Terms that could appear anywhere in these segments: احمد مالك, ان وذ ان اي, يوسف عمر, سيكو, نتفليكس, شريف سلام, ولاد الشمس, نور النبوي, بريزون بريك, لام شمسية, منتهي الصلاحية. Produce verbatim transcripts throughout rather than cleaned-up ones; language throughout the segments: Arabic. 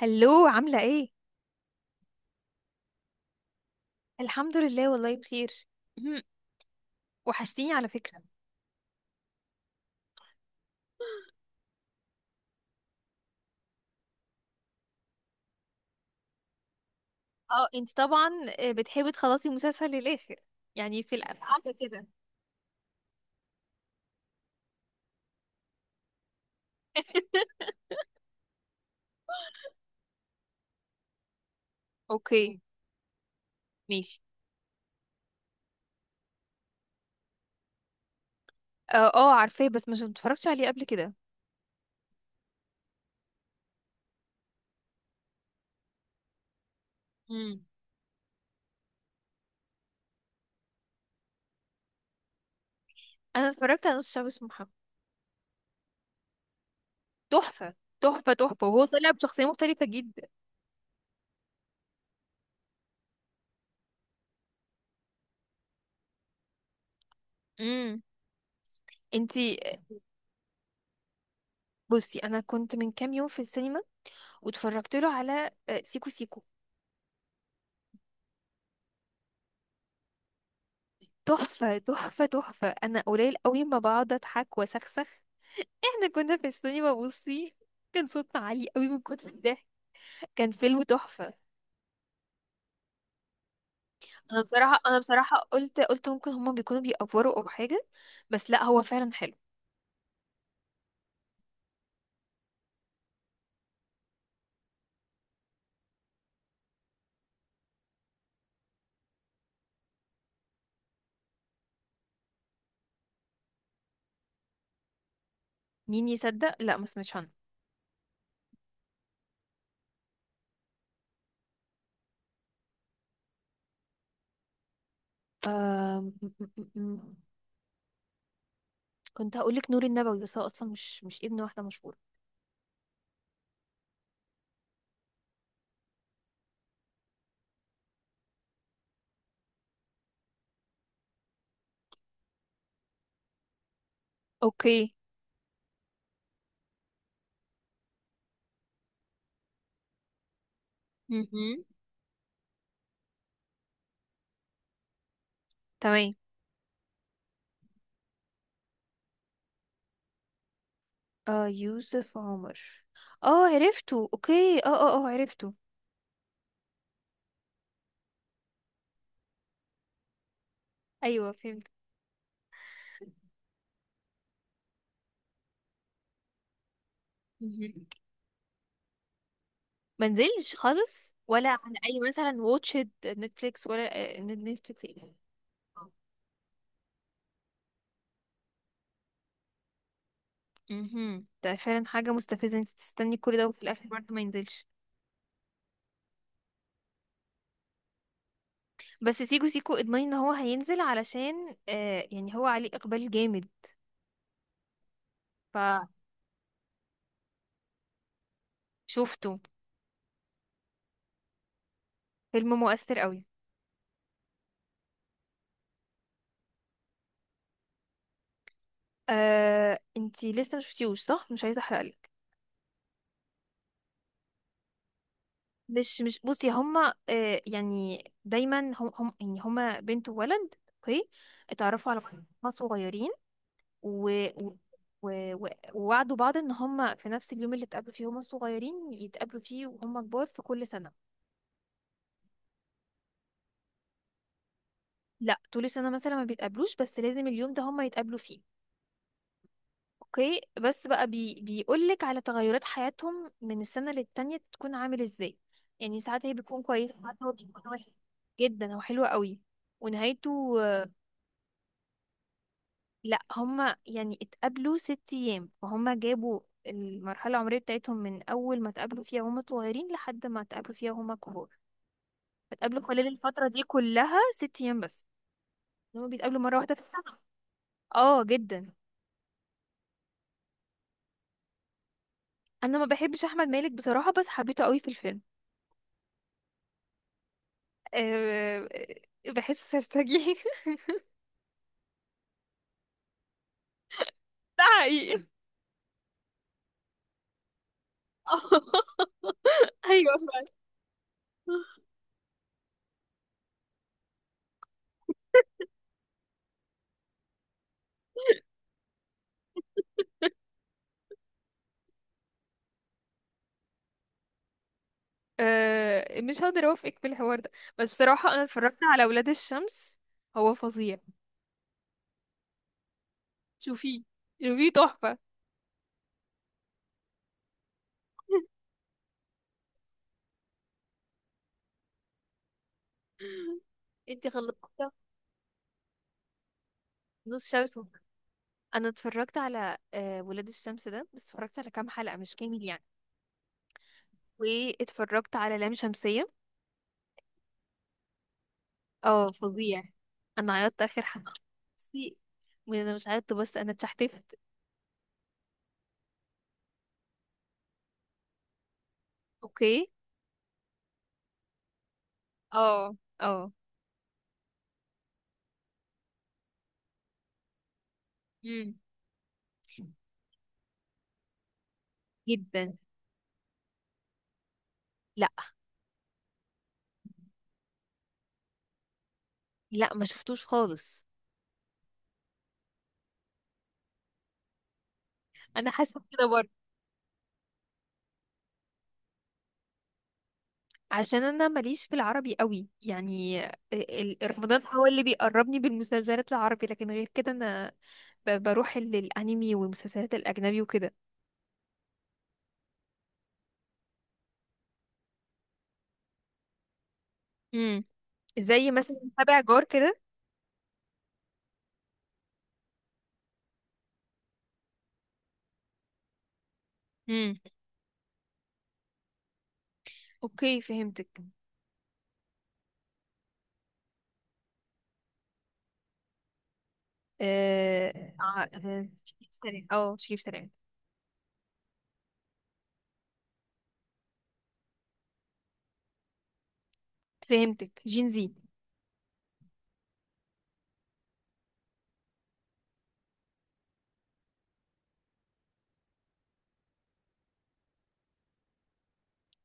هلو، عاملة ايه؟ الحمد لله والله بخير. مهم. وحشتيني على فكرة. اه انت طبعا بتحبي تخلصي مسلسل للآخر، يعني في الأول. اوكي، ماشي. اه، اه، عارفاه بس مش متفرجتش عليه قبل كده. مم. انا اتفرجت على نص شعب اسمه محمد. تحفة، تحفة، تحفة، وهو طلع بشخصية مختلفة جدا. امم انت. بصي، انا كنت من كام يوم في السينما واتفرجت له على آه، سيكو سيكو. تحفة، تحفة، تحفة. انا قليل قوي ما بقعد اضحك واسخسخ. احنا كنا في السينما. بصي، كان صوتنا عالي قوي من كتر الضحك. كان فيلم تحفة. انا بصراحة، انا بصراحة قلت قلت ممكن هما بيكونوا بيأفوروا او حاجة، بس لا، هو فعلا حلو. مين يصدق؟ لا، ما سمعتش عنه. آم، م- م- م- م. كنت هقول لك نور النبوي، بس هو اصلا مش مش ابن واحدة مشهورة. اوكي. مهم. تمام. آه، يوسف عمر. اه، عرفته، اوكي. اه، اه، اه، عرفته. ايوه. فهمت. منزلش خالص ولا على اي، مثلا واتشد نتفليكس ولا نتفليكس ايه؟ امم ده فعلا حاجة مستفزة، انت تستني كل ده وفي الاخر برضه ما ينزلش. بس سيكو سيكو اضمني ان هو هينزل، علشان آه يعني هو عليه اقبال جامد. فشوفته. فيلم مؤثر قوي. آه انتي لسه ما شفتيهوش، صح؟ مش عايزة احرقلك. مش مش بصي، هما آه يعني دايما هم هم، يعني هما بنت وولد. اوكي. اتعرفوا على بعض. هما صغيرين و... و... و... و- ووعدوا بعض ان هم في نفس اليوم اللي اتقابلوا فيه، هم الصغيرين، يتقابلوا فيه وهم كبار في كل سنة. لا، طول السنة مثلا ما بيتقابلوش، بس لازم اليوم ده هم يتقابلوا فيه. اوكي، بس بقى بي... بيقولك على تغيرات حياتهم من السنة للتانية، تكون عامل ازاي. يعني ساعات هي بتكون كويسة، ساعات هو بيكون وحش. جدا، هو حلو قوي. ونهايته. لا، هما يعني اتقابلوا ست ايام، فهما جابوا المرحله العمريه بتاعتهم من اول ما اتقابلوا فيها وهما صغيرين لحد ما اتقابلوا فيها وهما كبار. اتقابلوا خلال الفتره دي كلها ست ايام بس. هما بيتقابلوا مره واحده في السنه. اه، جدا. انا ما بحبش احمد مالك بصراحه، بس حبيته قوي في الفيلم. أه. آه، بحسه سرسجي. ده حقيقي. ايوه، فعلا. أه، مش هقدر اوافقك في الحوار ده، بس بصراحه انا اتفرجت على ولاد الشمس. هو فظيع. شوفيه، شوفيه، تحفه. انتي خلصتيها؟ نص شمس وكده. انا اتفرجت على آه، ولاد الشمس ده، بس اتفرجت على كام حلقة مش كامل يعني. واتفرجت على لام شمسية. اه، فظيع. انا عيطت اخر حلقة. بصي، انا مش عيطت بس انا اتشحتفت. اوكي. اه. اه. امم جدا. لا، لا، ما شفتوش خالص. انا حاسه كده برضه. عشان انا ماليش في العربي قوي يعني. ال- ال- رمضان هو اللي بيقربني بالمسلسلات العربي، لكن غير كده انا ب- بروح ال- الانمي والمسلسلات الاجنبي وكده. امم زي مثلا تابع جار كده. امم، اوكي، فهمتك. اه، ع- آه، شريف سلام، اه، شريف سلام. فهمتك، جين زي.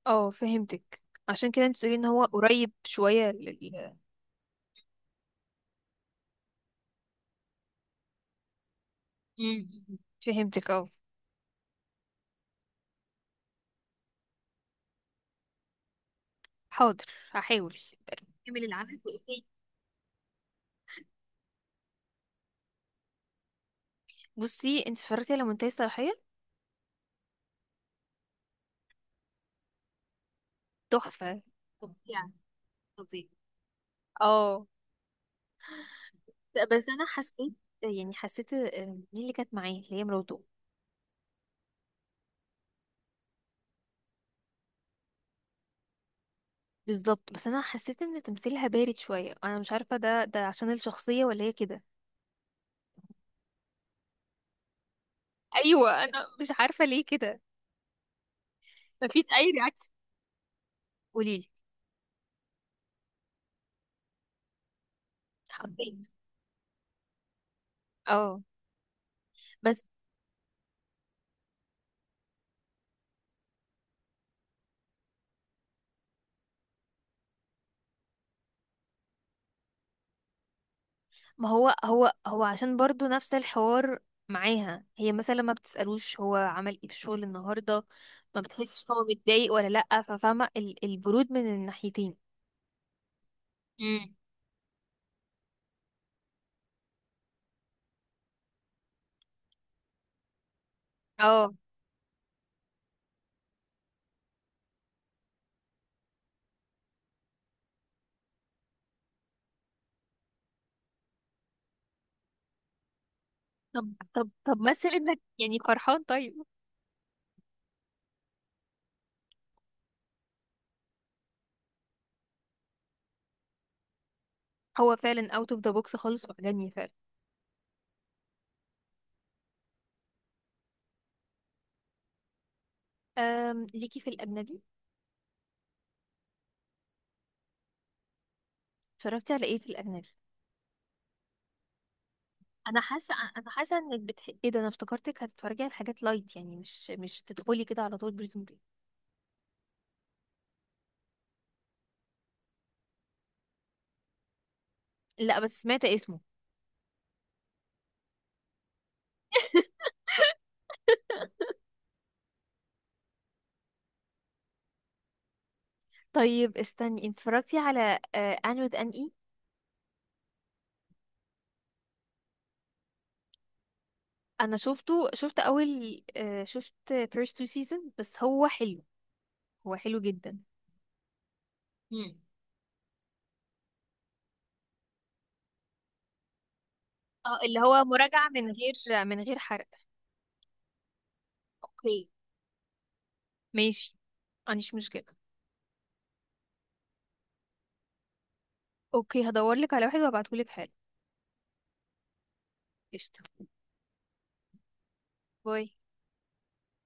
اه، فهمتك. عشان كده انت تقولي ان هو قريب شوية لل... امم، فهمتك، اه. حاضر. هحاول. كمل العمل وإيه؟ بصي، انت اتفرجتي على منتهي الصلاحية. تحفة. فظيع، فظيع. اه. لا، بس انا حسيت، يعني حسيت آه، مين اللي كانت معايا اللي هي مراته. بالظبط. بس انا حسيت ان تمثيلها بارد شويه، انا مش عارفه ده ده عشان الشخصيه ولا هي كده. ايوه. انا مش عارفه ليه كده. مفيش اي رياكشن. قوليلي. حبيت. اه. بس ما هو هو هو عشان برضو نفس الحوار، معاها هي مثلا ما بتسألوش هو عمل ايه في الشغل النهارده، ما بتحسش هو متضايق ولا لأ، ففاهمة ال- البرود من الناحيتين. امم. اه. طب، طب، طب، مثل انك يعني فرحان طيب. هو فعلا اوت اوف ذا بوكس خالص، وعجبني فعلا. أم ليكي في الأجنبي؟ اتفرجتي على ايه في الأجنبي؟ انا حاسه انا حاسه انك بتح... ايه ده، انا افتكرتك هتتفرجي على حاجات لايت، يعني مش مش تدخلي كده على طول بريزون بريك. لا، بس سمعت اسمه. طيب، استني، انت اتفرجتي على ان وذ ان اي؟ انا شفته. شفت اول آه، شفت فيرست تو سيزون، بس هو حلو. هو حلو جدا. مم. اه، اللي هو مراجعه من غير من غير حرق. اوكي، ماشي. مفيش مشكله. اوكي، هدور لك على واحد وابعتهولك حالا. قشطه. باي.